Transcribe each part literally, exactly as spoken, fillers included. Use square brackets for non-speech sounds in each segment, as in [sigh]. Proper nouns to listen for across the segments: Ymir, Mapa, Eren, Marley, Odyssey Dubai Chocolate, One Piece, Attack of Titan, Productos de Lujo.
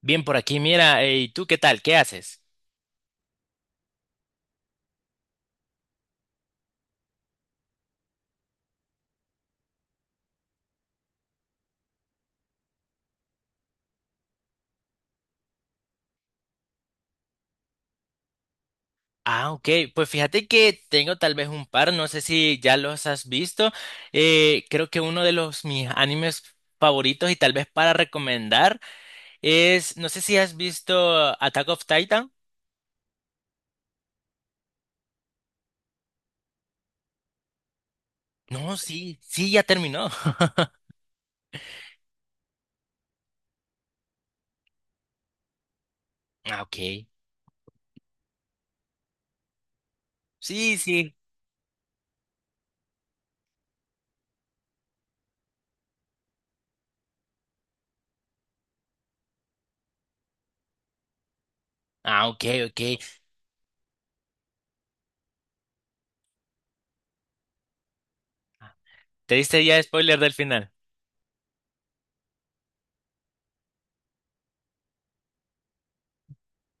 Bien, por aquí, mira, eh, ¿y tú qué tal? ¿Qué haces? Ah, ok, pues fíjate que tengo tal vez un par, no sé si ya los has visto. Eh, creo que uno de los mis animes favoritos y tal vez para recomendar es, no sé si has visto Attack of Titan. No, sí, sí, ya terminó. [laughs] Ah, ok. Sí, sí. Ah, ok, ok. ¿Te diste ya spoiler del final?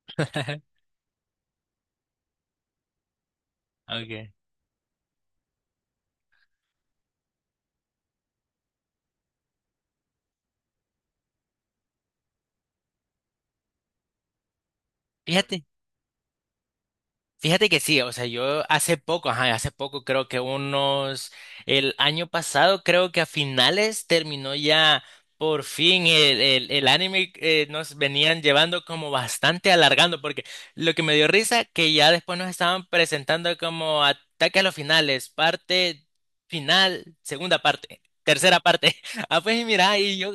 [laughs] Ok. Fíjate. Fíjate que sí, o sea, yo hace poco, ajá, hace poco creo que unos, el año pasado creo que a finales terminó ya por fin el, el, el anime eh, nos venían llevando como bastante alargando, porque lo que me dio risa que ya después nos estaban presentando como ataque a los finales, parte final, segunda parte. Tercera parte. [laughs] Ah, pues y mira, y yo,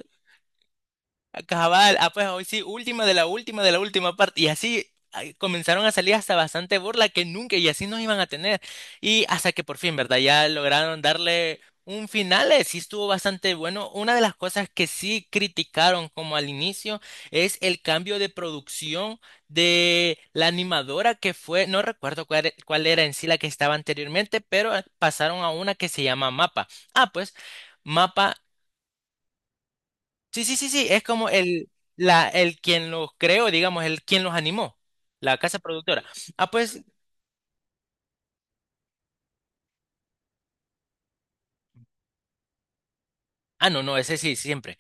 cabal, ah, pues hoy sí, última de la última de la última parte. Y así ay, comenzaron a salir hasta bastante burla que nunca y así nos iban a tener. Y hasta que por fin, ¿verdad? Ya lograron darle un final. eh, Sí estuvo bastante bueno. Una de las cosas que sí criticaron como al inicio es el cambio de producción de la animadora que fue, no recuerdo cuál, e- cuál era en sí la que estaba anteriormente, pero eh, pasaron a una que se llama Mapa. Ah, pues. Mapa. Sí, sí, sí, sí, es como el, la, el quien los creó, digamos, el quien los animó, la casa productora. Ah, pues, ah, no, no, ese sí, siempre.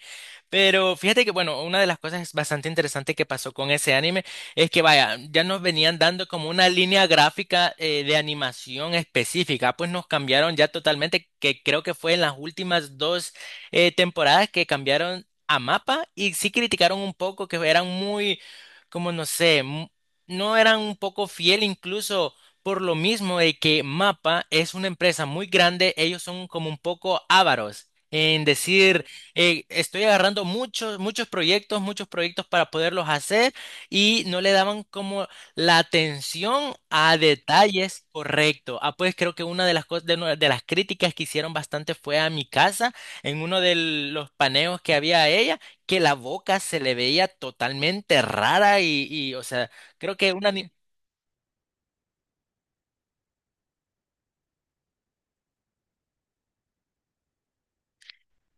Pero fíjate que, bueno, una de las cosas bastante interesantes que pasó con ese anime es que, vaya, ya nos venían dando como una línea gráfica eh, de animación específica, pues nos cambiaron ya totalmente, que creo que fue en las últimas dos eh, temporadas que cambiaron a mapa y sí criticaron un poco que eran muy, como no sé, mu- no eran un poco fiel incluso. Por lo mismo de que Mapa es una empresa muy grande, ellos son como un poco ávaros en decir eh, estoy agarrando muchos, muchos proyectos, muchos proyectos para poderlos hacer y no le daban como la atención a detalles correcto. Ah, pues creo que una de las cosas, de, una- de las críticas que hicieron bastante fue a mi casa, en uno de los paneos que había a ella, que la boca se le veía totalmente rara y, y o sea, creo que una...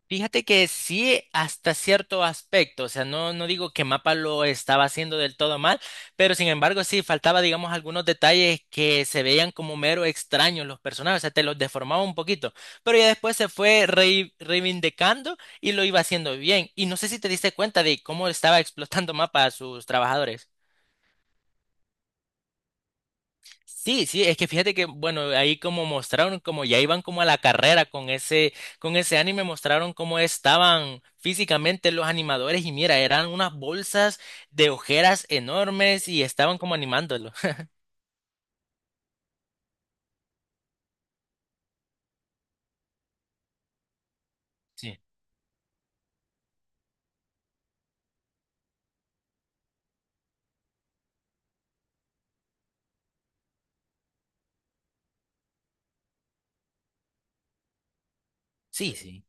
Fíjate que sí, hasta cierto aspecto, o sea, no, no digo que Mapa lo estaba haciendo del todo mal, pero sin embargo sí faltaba, digamos, algunos detalles que se veían como mero extraños los personajes, o sea, te los deformaba un poquito, pero ya después se fue rei- reivindicando y lo iba haciendo bien. Y no sé si te diste cuenta de cómo estaba explotando Mapa a sus trabajadores. Sí, sí, es que fíjate que, bueno, ahí como mostraron, como ya iban como a la carrera con ese, con ese anime, mostraron cómo estaban físicamente los animadores y mira, eran unas bolsas de ojeras enormes y estaban como animándolo. [laughs] Sí, sí, sí.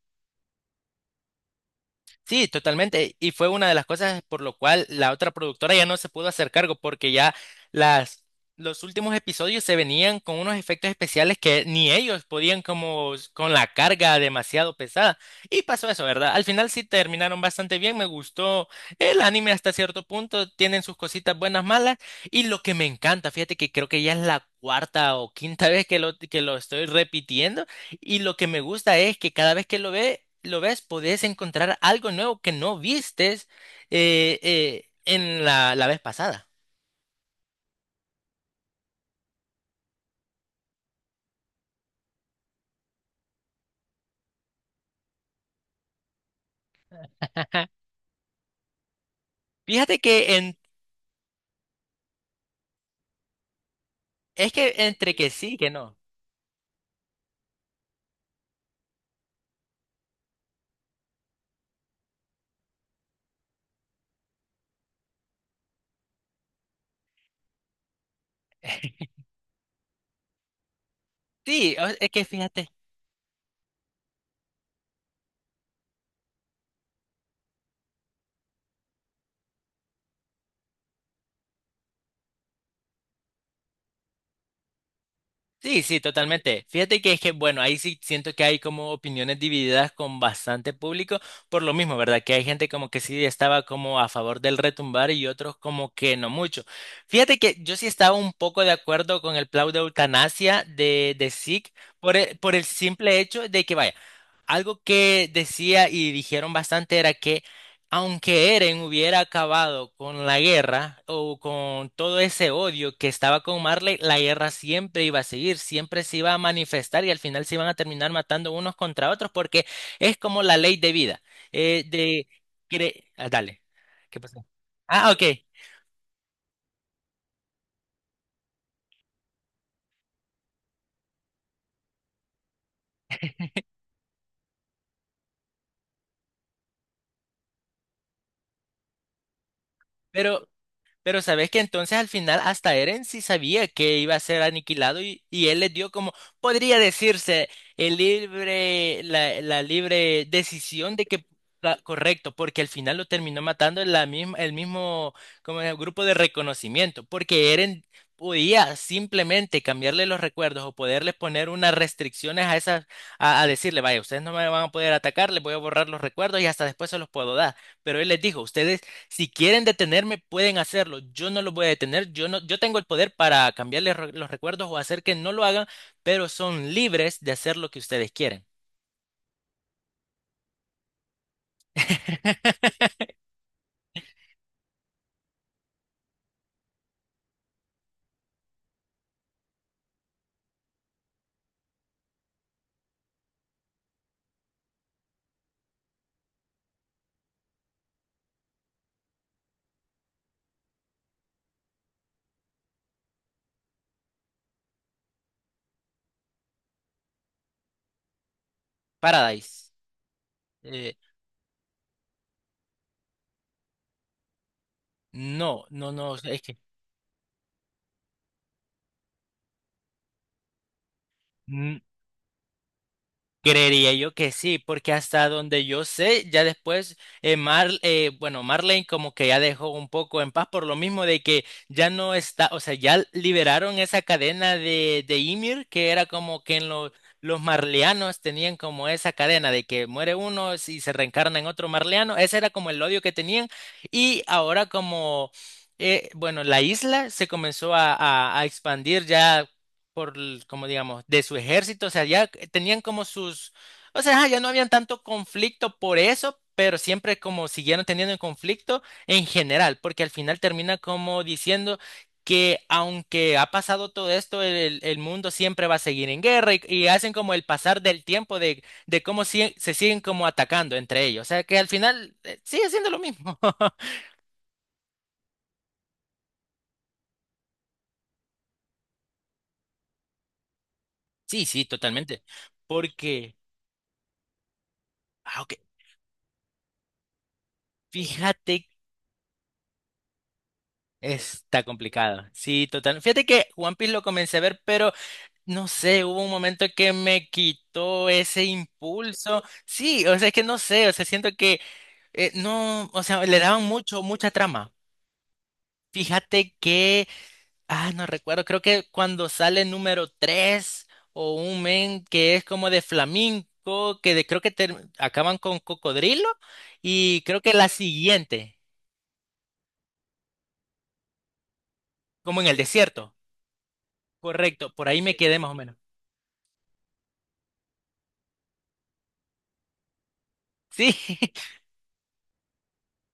Sí, totalmente. Y fue una de las cosas por lo cual la otra productora ya no se pudo hacer cargo porque ya las, los últimos episodios se venían con unos efectos especiales que ni ellos podían como s- con la carga demasiado pesada. Y pasó eso, ¿verdad? Al final sí terminaron bastante bien, me gustó el anime hasta cierto punto, tienen sus cositas buenas, malas. Y lo que me encanta, fíjate que creo que ya es la cuarta o quinta [laughs] vez que lo, que lo estoy repitiendo. Y lo que me gusta es que cada vez que lo ve, lo ves, podés encontrar algo nuevo que no vistes eh, eh, en la, la vez pasada. [laughs] Fíjate que en- es que entre que sí, que no. [laughs] Sí, o- es que fíjate. Sí, sí, totalmente. Fíjate que es que, bueno, ahí sí siento que hay como opiniones divididas con bastante público, por lo mismo, ¿verdad? Que hay gente como que sí estaba como a favor del retumbar y otros como que no mucho. Fíjate que yo sí estaba un poco de acuerdo con el plan de eutanasia de, de S I C K por el, por el simple hecho de que, vaya, algo que decía y dijeron bastante era que aunque Eren hubiera acabado con la guerra o con todo ese odio que estaba con Marley, la guerra siempre iba a seguir, siempre se iba a manifestar y al final se iban a terminar matando unos contra otros porque es como la ley de vida. Eh, de, cre- ah, Dale, ¿qué pasó? Ah, ok. Pero Pero sabes que entonces al final hasta Eren sí sabía que iba a ser aniquilado y, y él le dio como, podría decirse, el libre, la, la libre decisión de que, la- correcto, porque al final lo terminó matando la misma, el mismo como el grupo de reconocimiento, porque Eren podía simplemente cambiarle los recuerdos o poderle poner unas restricciones a esas, a, a decirle, vaya, ustedes no me van a poder atacar, les voy a borrar los recuerdos y hasta después se los puedo dar. Pero él les dijo, ustedes si quieren detenerme, pueden hacerlo. Yo no los voy a detener. Yo no, yo tengo el poder para cambiarles re- los recuerdos o hacer que no lo hagan, pero son libres de hacer lo que ustedes quieren. [laughs] Paradise. Eh, no, no, no, es que mm, creería yo que sí, porque hasta donde yo sé, ya después eh, Mar, eh, bueno, Marlene como que ya dejó un poco en paz por lo mismo de que ya no está, o sea, ya liberaron esa cadena de, de Ymir, que era como que en los los marleanos tenían como esa cadena de que muere uno y se reencarna en otro marleano, ese era como el odio que tenían y ahora como... eh, bueno, la isla se comenzó a, a a expandir ya por, el- como digamos, de su ejército, o sea, ya tenían como sus, o sea, ajá, ya no habían tanto conflicto por eso, pero siempre como siguieron teniendo el conflicto en general, porque al final termina como diciendo que aunque ha pasado todo esto, el, el mundo siempre va a seguir en guerra y, y hacen como el pasar del tiempo de, de cómo si- se siguen como atacando entre ellos, o sea, que al final eh, sigue siendo lo mismo. [laughs] Sí, sí, totalmente, porque, ah, ok, fíjate está complicado. Sí, total. Fíjate que One Piece lo comencé a ver, pero no sé, hubo un momento que me quitó ese impulso. Sí, o sea, es que no sé, o sea, siento que eh, no, o sea, le daban mucho, mucha trama. Fíjate que, ah, no recuerdo, creo que cuando sale número tres o un men que es como de flamenco, que de- creo que ter- acaban con cocodrilo y creo que la siguiente, como en el desierto. Correcto, por ahí me quedé más o menos. Sí.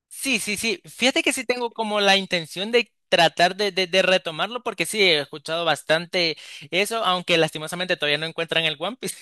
Sí, sí, sí. Fíjate que sí tengo como la intención de tratar de, de, de retomarlo porque sí, he escuchado bastante eso, aunque lastimosamente todavía no encuentran el One Piece.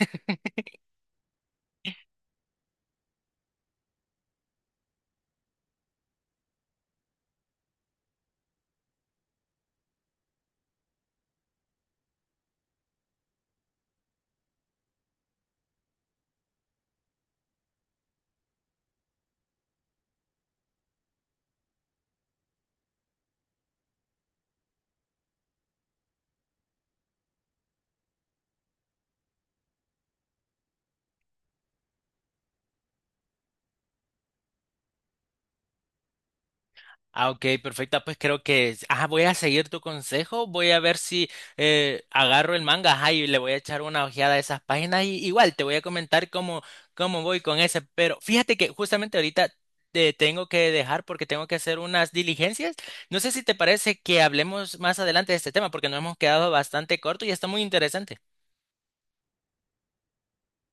Ah, ok, perfecta. Pues creo que ah, voy a seguir tu consejo. Voy a ver si eh, agarro el manga ajá, y le voy a echar una ojeada a esas páginas. Y igual te voy a comentar cómo, cómo voy con ese. Pero fíjate que justamente ahorita te tengo que dejar porque tengo que hacer unas diligencias. No sé si te parece que hablemos más adelante de este tema porque nos hemos quedado bastante corto y está muy interesante.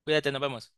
Cuídate, nos vemos.